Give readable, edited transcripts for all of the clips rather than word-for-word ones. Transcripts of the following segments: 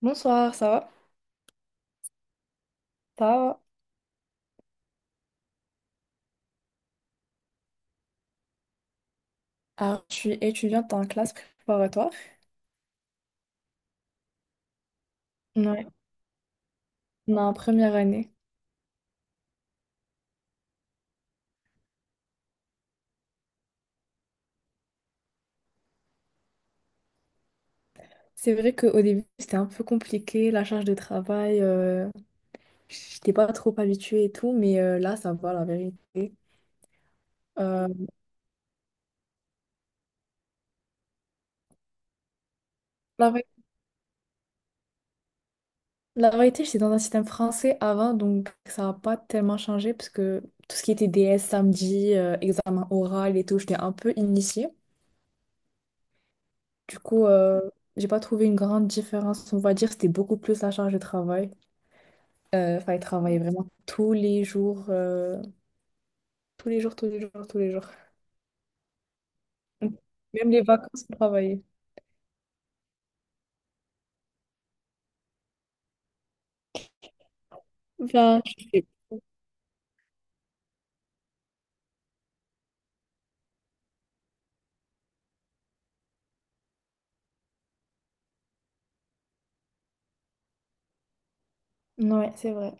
Bonsoir, ça va? Ça va? Alors, je suis étudiante en classe préparatoire. Ouais, on est en première année. C'est vrai qu'au début, c'était un peu compliqué, la charge de travail, j'étais pas trop habituée et tout, mais là, ça va, la vérité. Euh, la, vé- la vérité, j'étais dans un système français avant, donc ça n'a pas tellement changé, parce que tout ce qui était DS samedi, examen oral et tout, j'étais un peu initiée. Du coup, j'ai pas trouvé une grande différence, on va dire, c'était beaucoup plus la charge de travail. Enfin, il travaillait vraiment tous les jours, tous les jours, tous les jours, tous les jours. Même les vacances, il travaillait. Enfin, je sais. Non, ouais, c'est vrai.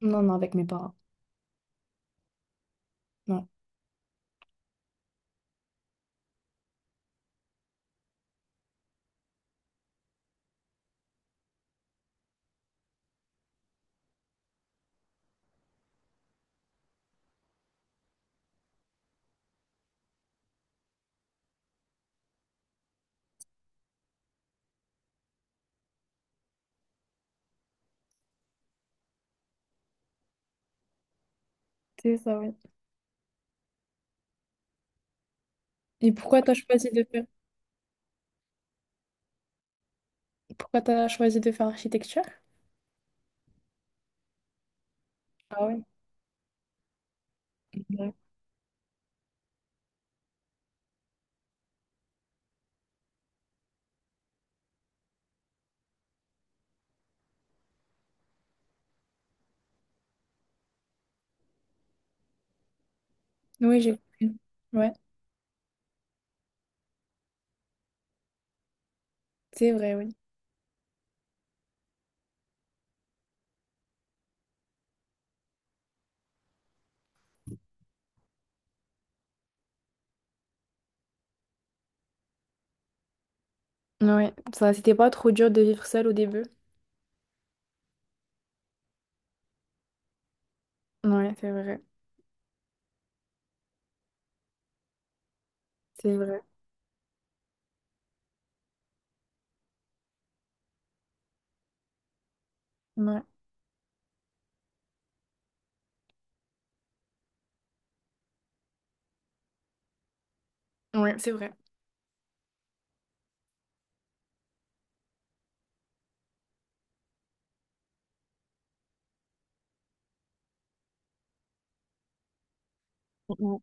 Non, non, avec mes parents. Non. C'est ça, ouais. Et pourquoi t'as choisi de faire... Pourquoi t'as choisi de faire architecture? Ah ouais. Ouais. Oui, j'ai compris. Ouais, c'est vrai, oui. Ouais, ça, c'était pas trop dur de vivre seul au début. Ouais, c'est vrai. C'est vrai. Ouais. Ouais, c'est vrai. Ouais.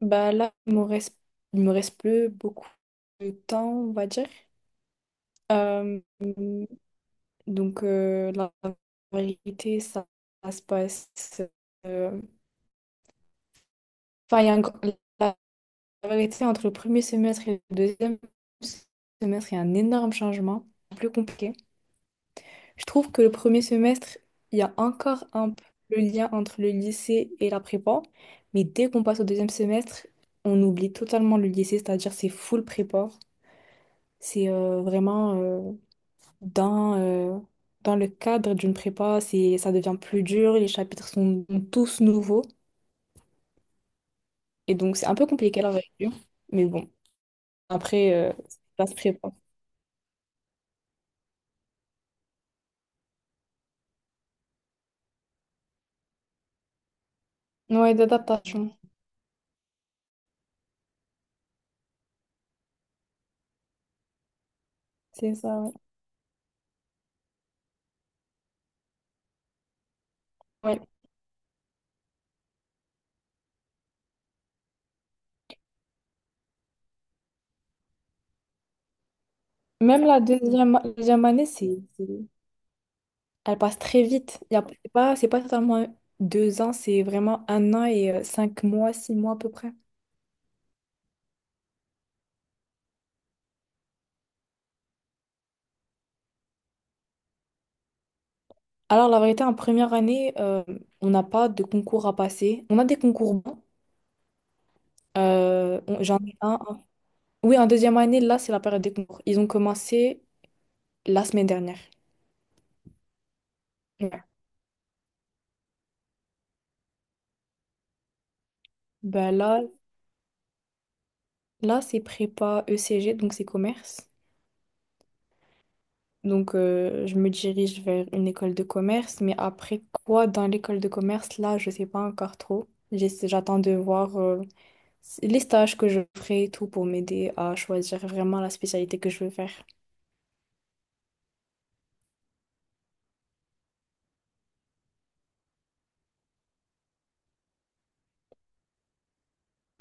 Bah là, il me reste plus beaucoup de temps, on va dire. Euh, donc, la vérité, ça se passe. euh, Enfin, il y a un gr- la vérité, entre le premier semestre et le deuxième semestre, il y a un énorme changement, plus compliqué. Je trouve que le premier semestre, il y a encore un peu le lien entre le lycée et la prépa, mais dès qu'on passe au deuxième semestre, on oublie totalement le lycée, c'est-à-dire c'est full prépa. C'est vraiment. Dans, euh, dans le cadre d'une prépa, c'est, ça devient plus dur, les chapitres sont tous nouveaux. Et donc, c'est un peu compliqué la révision. Mais bon, après, ça se prépare. Ouais, d'adaptation, c'est ça. Ouais. Ouais. Même la deuxième année, elle passe très vite. C'est pas totalement deux ans, c'est vraiment un an et cinq mois, six mois à peu près. Alors, la vérité, en première année, on n'a pas de concours à passer. On a des concours bons. J'en ai un. Oui, en deuxième année, là, c'est la période des concours. Ils ont commencé la semaine dernière. Ouais. Ben là, là, c'est prépa ECG, donc c'est commerce. Donc, je me dirige vers une école de commerce, mais après quoi dans l'école de commerce, là, je sais pas encore trop. J'attends de voir les stages que je ferai et tout pour m'aider à choisir vraiment la spécialité que je veux faire.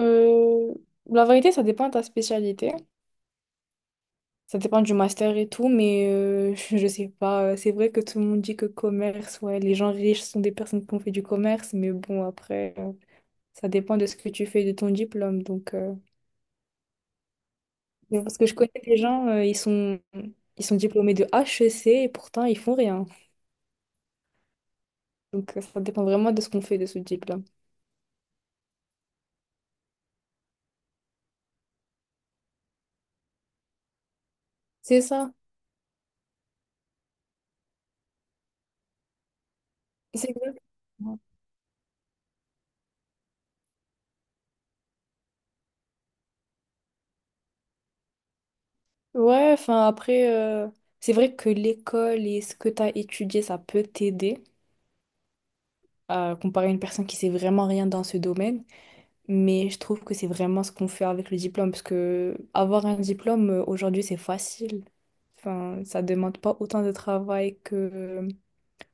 Euh, la vérité, ça dépend de ta spécialité. Ça dépend du master et tout, mais je sais pas. C'est vrai que tout le monde dit que commerce, ouais, les gens riches sont des personnes qui ont fait du commerce, mais bon, après, ça dépend de ce que tu fais de ton diplôme. Donc, mais parce que je connais des gens, ils sont diplômés de HEC et pourtant, ils font rien. Donc, ça dépend vraiment de ce qu'on fait de ce diplôme. C'est ça. C'est exactement. Ouais, enfin, après, c'est vrai que l'école et ce que tu as étudié, ça peut t'aider à comparer à une personne qui sait vraiment rien dans ce domaine. Mais je trouve que c'est vraiment ce qu'on fait avec le diplôme, parce que avoir un diplôme aujourd'hui, c'est facile. Enfin, ça demande pas autant de travail que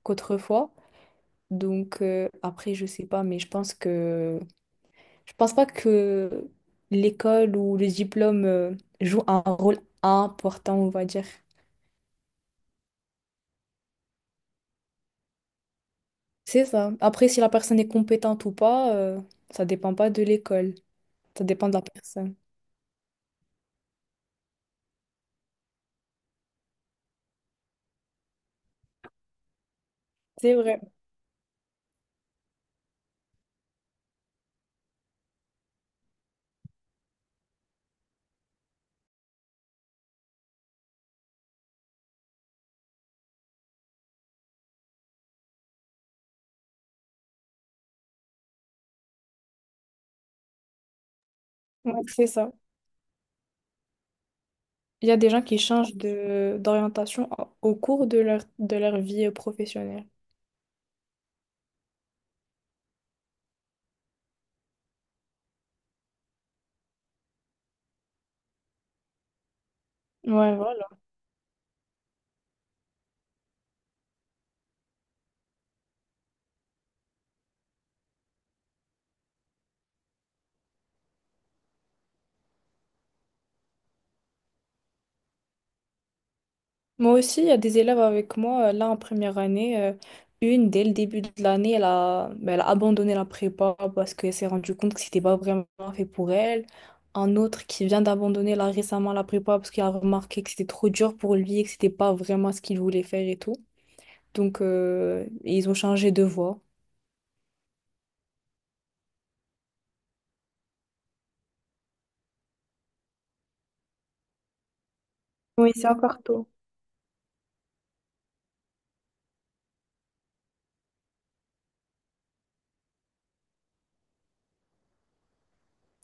qu'autrefois. Donc après, je sais pas, mais je pense que je pense pas que l'école ou le diplôme joue un rôle important, on va dire. C'est ça. Après, si la personne est compétente ou pas, ça dépend pas de l'école. Ça dépend de la personne. C'est vrai. Ouais, c'est ça. Il y a des gens qui changent de d'orientation au cours de leur vie professionnelle. Ouais, voilà. Moi aussi, il y a des élèves avec moi, là, en première année. Une, dès le début de l'année, elle a abandonné la prépa parce qu'elle s'est rendue compte que c'était pas vraiment fait pour elle. Un autre qui vient d'abandonner là récemment la prépa parce qu'il a remarqué que c'était trop dur pour lui et que c'était pas vraiment ce qu'il voulait faire et tout. Donc, ils ont changé de voie. Oui, c'est encore tôt.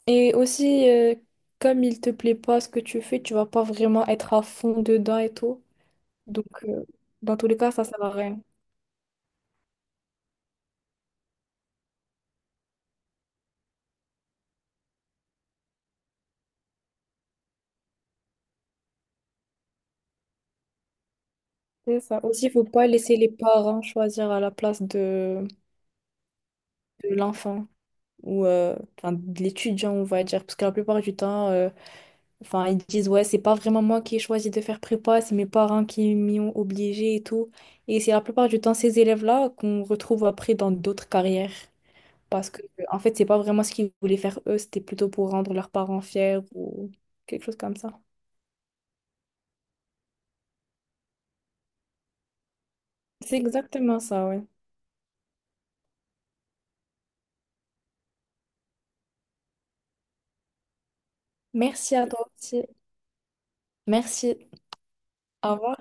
Et aussi, comme il te plaît pas ce que tu fais, tu vas pas vraiment être à fond dedans et tout. Donc, dans tous les cas, ça sert à rien. C'est ça. Aussi, il faut pas laisser les parents choisir à la place de, l'enfant ou enfin, de l'étudiant, on va dire. Parce que la plupart du temps, enfin, ils disent, ouais, c'est pas vraiment moi qui ai choisi de faire prépa, c'est mes parents qui m'y ont obligé et tout. Et c'est la plupart du temps ces élèves-là qu'on retrouve après dans d'autres carrières. Parce que, en fait, c'est pas vraiment ce qu'ils voulaient faire eux, c'était plutôt pour rendre leurs parents fiers ou quelque chose comme ça. C'est exactement ça, ouais. Merci à toi aussi. Merci. Au revoir.